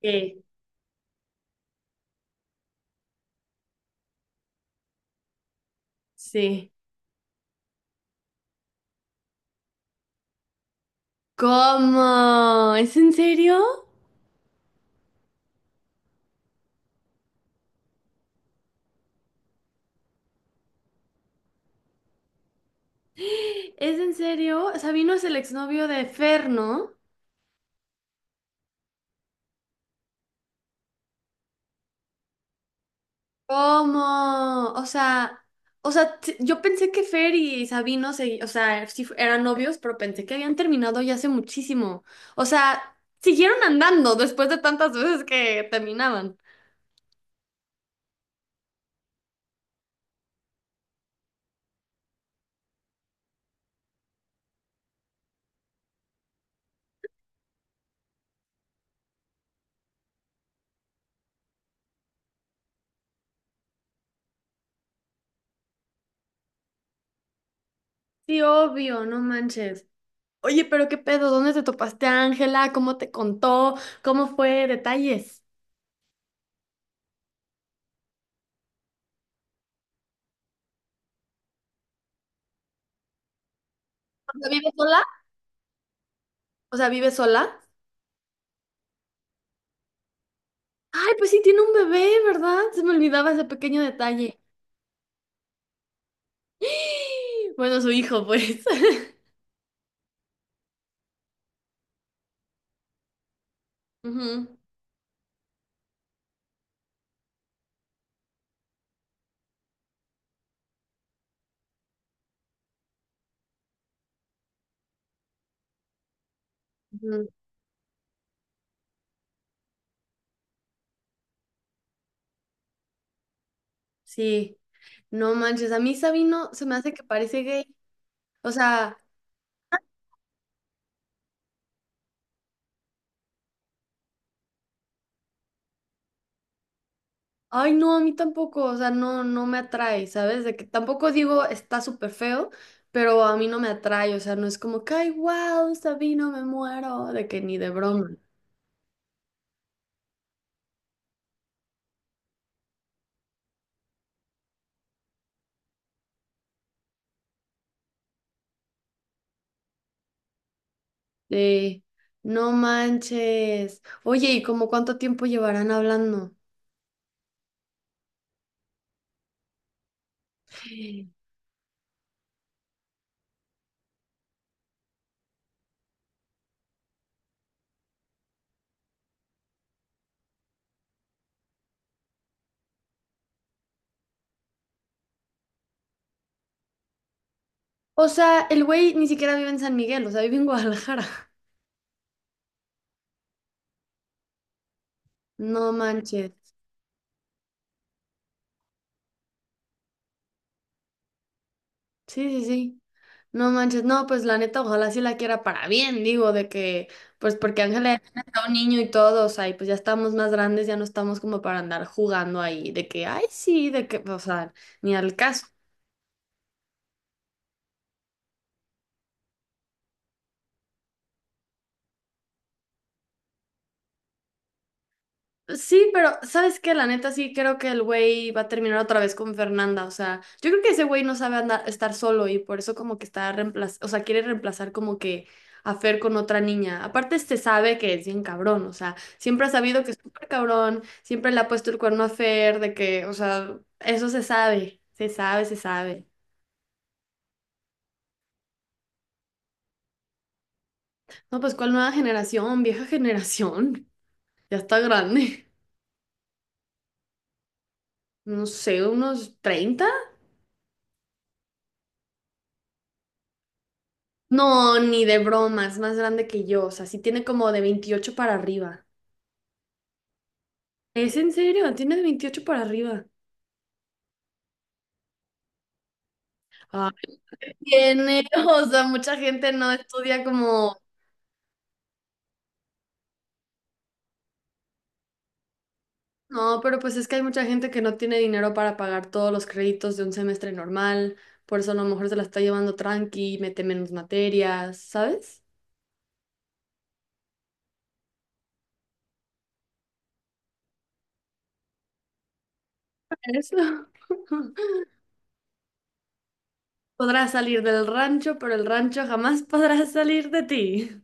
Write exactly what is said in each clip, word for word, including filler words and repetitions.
Sí, sí. ¿Cómo? ¿Es en serio? ¿Es en serio? Sabino es el exnovio de Fer, ¿no? ¿Cómo? O sea, o sea, t- yo pensé que Fer y Sabino se, o sea, sí fu- eran novios, pero pensé que habían terminado ya hace muchísimo. O sea, siguieron andando después de tantas veces que terminaban. Sí, obvio, no manches. Oye, pero qué pedo, ¿dónde te topaste a Ángela? ¿Cómo te contó? ¿Cómo fue? Detalles. ¿Vive sola? O sea, ¿vive sola? Ay, pues sí, tiene un bebé, ¿verdad? Se me olvidaba ese pequeño detalle. Bueno, su hijo, pues. Ujú, ujú. Sí, no manches, a mí Sabino se me hace que parece gay. O sea, ay, no, a mí tampoco, o sea, no, no me atrae, ¿sabes? De que tampoco digo está súper feo, pero a mí no me atrae, o sea, no es como que, ay, wow, Sabino, me muero, de que ni de broma. Sí, no manches. Oye, ¿y como cuánto tiempo llevarán hablando? O sea, el güey ni siquiera vive en San Miguel, o sea, vive en Guadalajara. No manches. Sí, sí, sí. No manches. No, pues la neta, ojalá sí la quiera para bien, digo, de que, pues porque Ángela ya está un niño y todo, o sea, y pues ya estamos más grandes, ya no estamos como para andar jugando ahí, de que, ay, sí, de que, o sea, ni al caso. Sí, pero ¿sabes qué? La neta sí creo que el güey va a terminar otra vez con Fernanda. O sea, yo creo que ese güey no sabe andar, estar solo y por eso como que está reemplaz, o sea, quiere reemplazar como que a Fer con otra niña. Aparte, este sabe que es bien cabrón, o sea, siempre ha sabido que es súper cabrón, siempre le ha puesto el cuerno a Fer, de que, o sea, eso se sabe, se sabe, se sabe. No, pues, ¿cuál nueva generación? Vieja generación. Ya está grande. No sé, unos treinta. No, ni de broma, es más grande que yo. O sea, sí tiene como de veintiocho para arriba. ¿Es en serio? Tiene de veintiocho para arriba. Ah, tiene, o sea, mucha gente no estudia como... No, pero pues es que hay mucha gente que no tiene dinero para pagar todos los créditos de un semestre normal. Por eso a lo mejor se la está llevando tranqui, mete menos materias, ¿sabes? Eso. Podrás salir del rancho, pero el rancho jamás podrá salir de ti.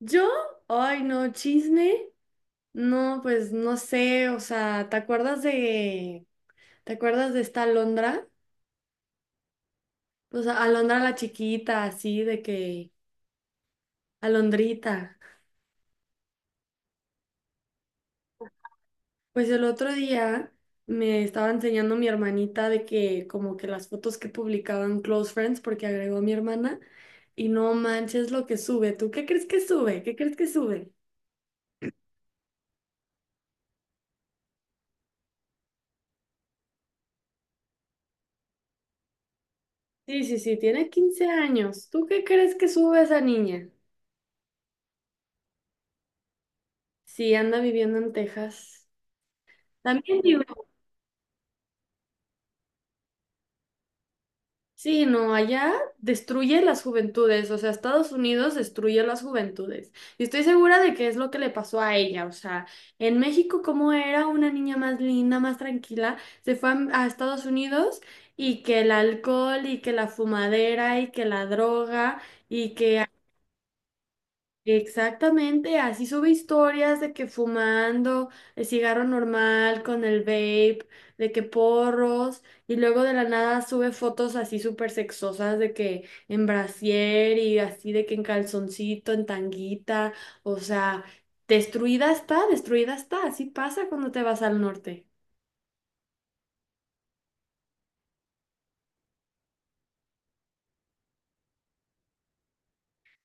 ¿Yo? Ay, no, chisme. No, pues no sé, o sea, ¿te acuerdas de, ¿te acuerdas de esta Alondra? Pues a- Alondra la chiquita, así de que, Alondrita. Pues el otro día me estaba enseñando mi hermanita de que como que las fotos que publicaban Close Friends, porque agregó mi hermana, y no manches lo que sube. ¿Tú qué crees que sube? ¿Qué crees que sube? Sí, sí, sí, tiene quince años. ¿Tú qué crees que sube esa niña? Sí, anda viviendo en Texas. También vive. Sí, no, allá destruye las juventudes, o sea, Estados Unidos destruye las juventudes. Y estoy segura de que es lo que le pasó a ella, o sea, en México como era una niña más linda, más tranquila, se fue a, a, Estados Unidos y que el alcohol y que la fumadera y que la droga y que Exactamente, así sube historias de que fumando el cigarro normal con el vape, de que porros, y luego de la nada sube fotos así súper sexosas de que en brasier y así de que en calzoncito, en tanguita, o sea, destruida está, destruida está, así pasa cuando te vas al norte.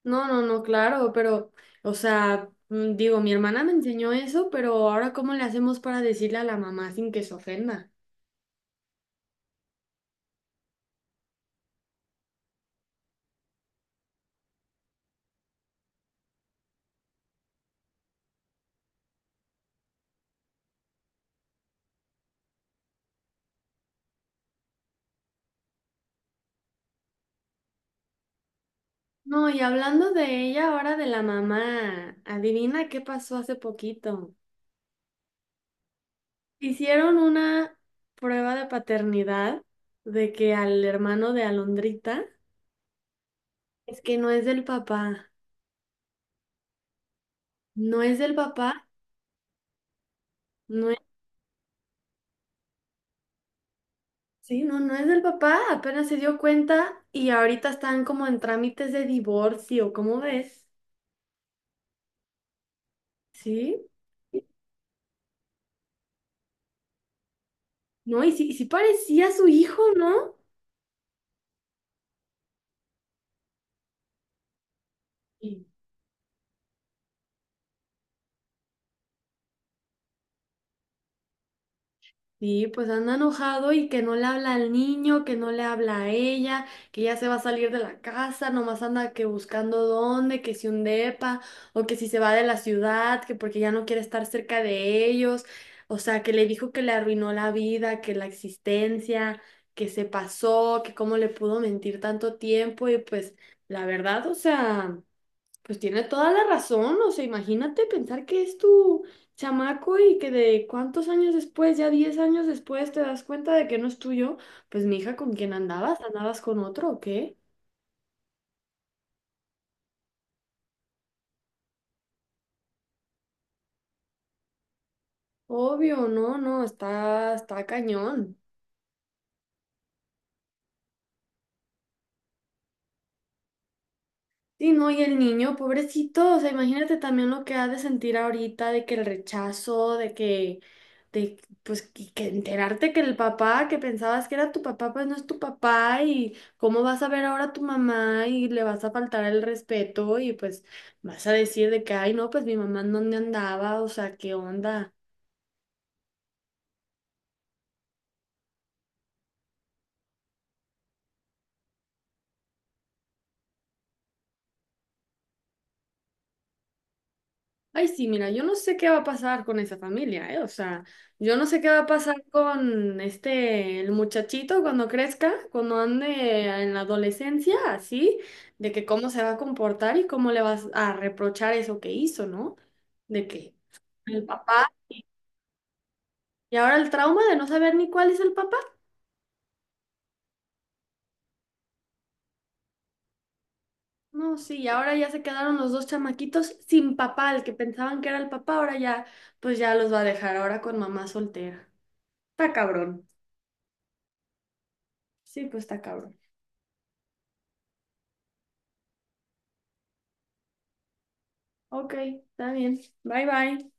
No, no, no, claro, pero, o sea, mm, digo, mi hermana me enseñó eso, pero ahora ¿cómo le hacemos para decirle a la mamá sin que se ofenda? No, y hablando de ella, ahora de la mamá, adivina qué pasó hace poquito. Hicieron una prueba de paternidad de que al hermano de Alondrita es que no es del papá, no es del papá, no es, sí, no, no es del papá, apenas se dio cuenta y ahorita están como en trámites de divorcio, ¿cómo ves? Sí, no, y sí, y sí parecía su hijo, ¿no? Sí, pues anda enojado y que no le habla al niño, que no le habla a ella, que ya se va a salir de la casa, nomás anda que buscando dónde, que si un depa o que si se va de la ciudad, que porque ya no quiere estar cerca de ellos, o sea, que le dijo que le arruinó la vida, que la existencia, que se pasó, que cómo le pudo mentir tanto tiempo y pues la verdad, o sea... Pues tiene toda la razón, o sea, imagínate pensar que es tu chamaco y que de cuántos años después, ya diez años después, te das cuenta de que no es tuyo, pues mi hija, ¿con quién andabas? ¿Andabas con otro o qué? Obvio, no, no, está, está cañón. Sí, no, y el niño, pobrecito, o sea, imagínate también lo que ha de sentir ahorita de que el rechazo, de que, de, pues, que, que enterarte que el papá que pensabas que era tu papá, pues no es tu papá, y cómo vas a ver ahora a tu mamá y le vas a faltar el respeto y pues vas a decir de que, ay, no, pues mi mamá en dónde andaba, o sea, qué onda. Ay, sí, mira, yo no sé qué va a pasar con esa familia, ¿eh? O sea, yo no sé qué va a pasar con este, el muchachito cuando crezca, cuando ande en la adolescencia, así, de que cómo se va a comportar y cómo le vas a reprochar eso que hizo, ¿no? De que el papá, y ahora el trauma de no saber ni cuál es el papá. No, sí, y ahora ya se quedaron los dos chamaquitos sin papá, el que pensaban que era el papá, ahora ya, pues ya los va a dejar ahora con mamá soltera. Está cabrón. Sí, pues está cabrón. Ok, está bien. Bye bye.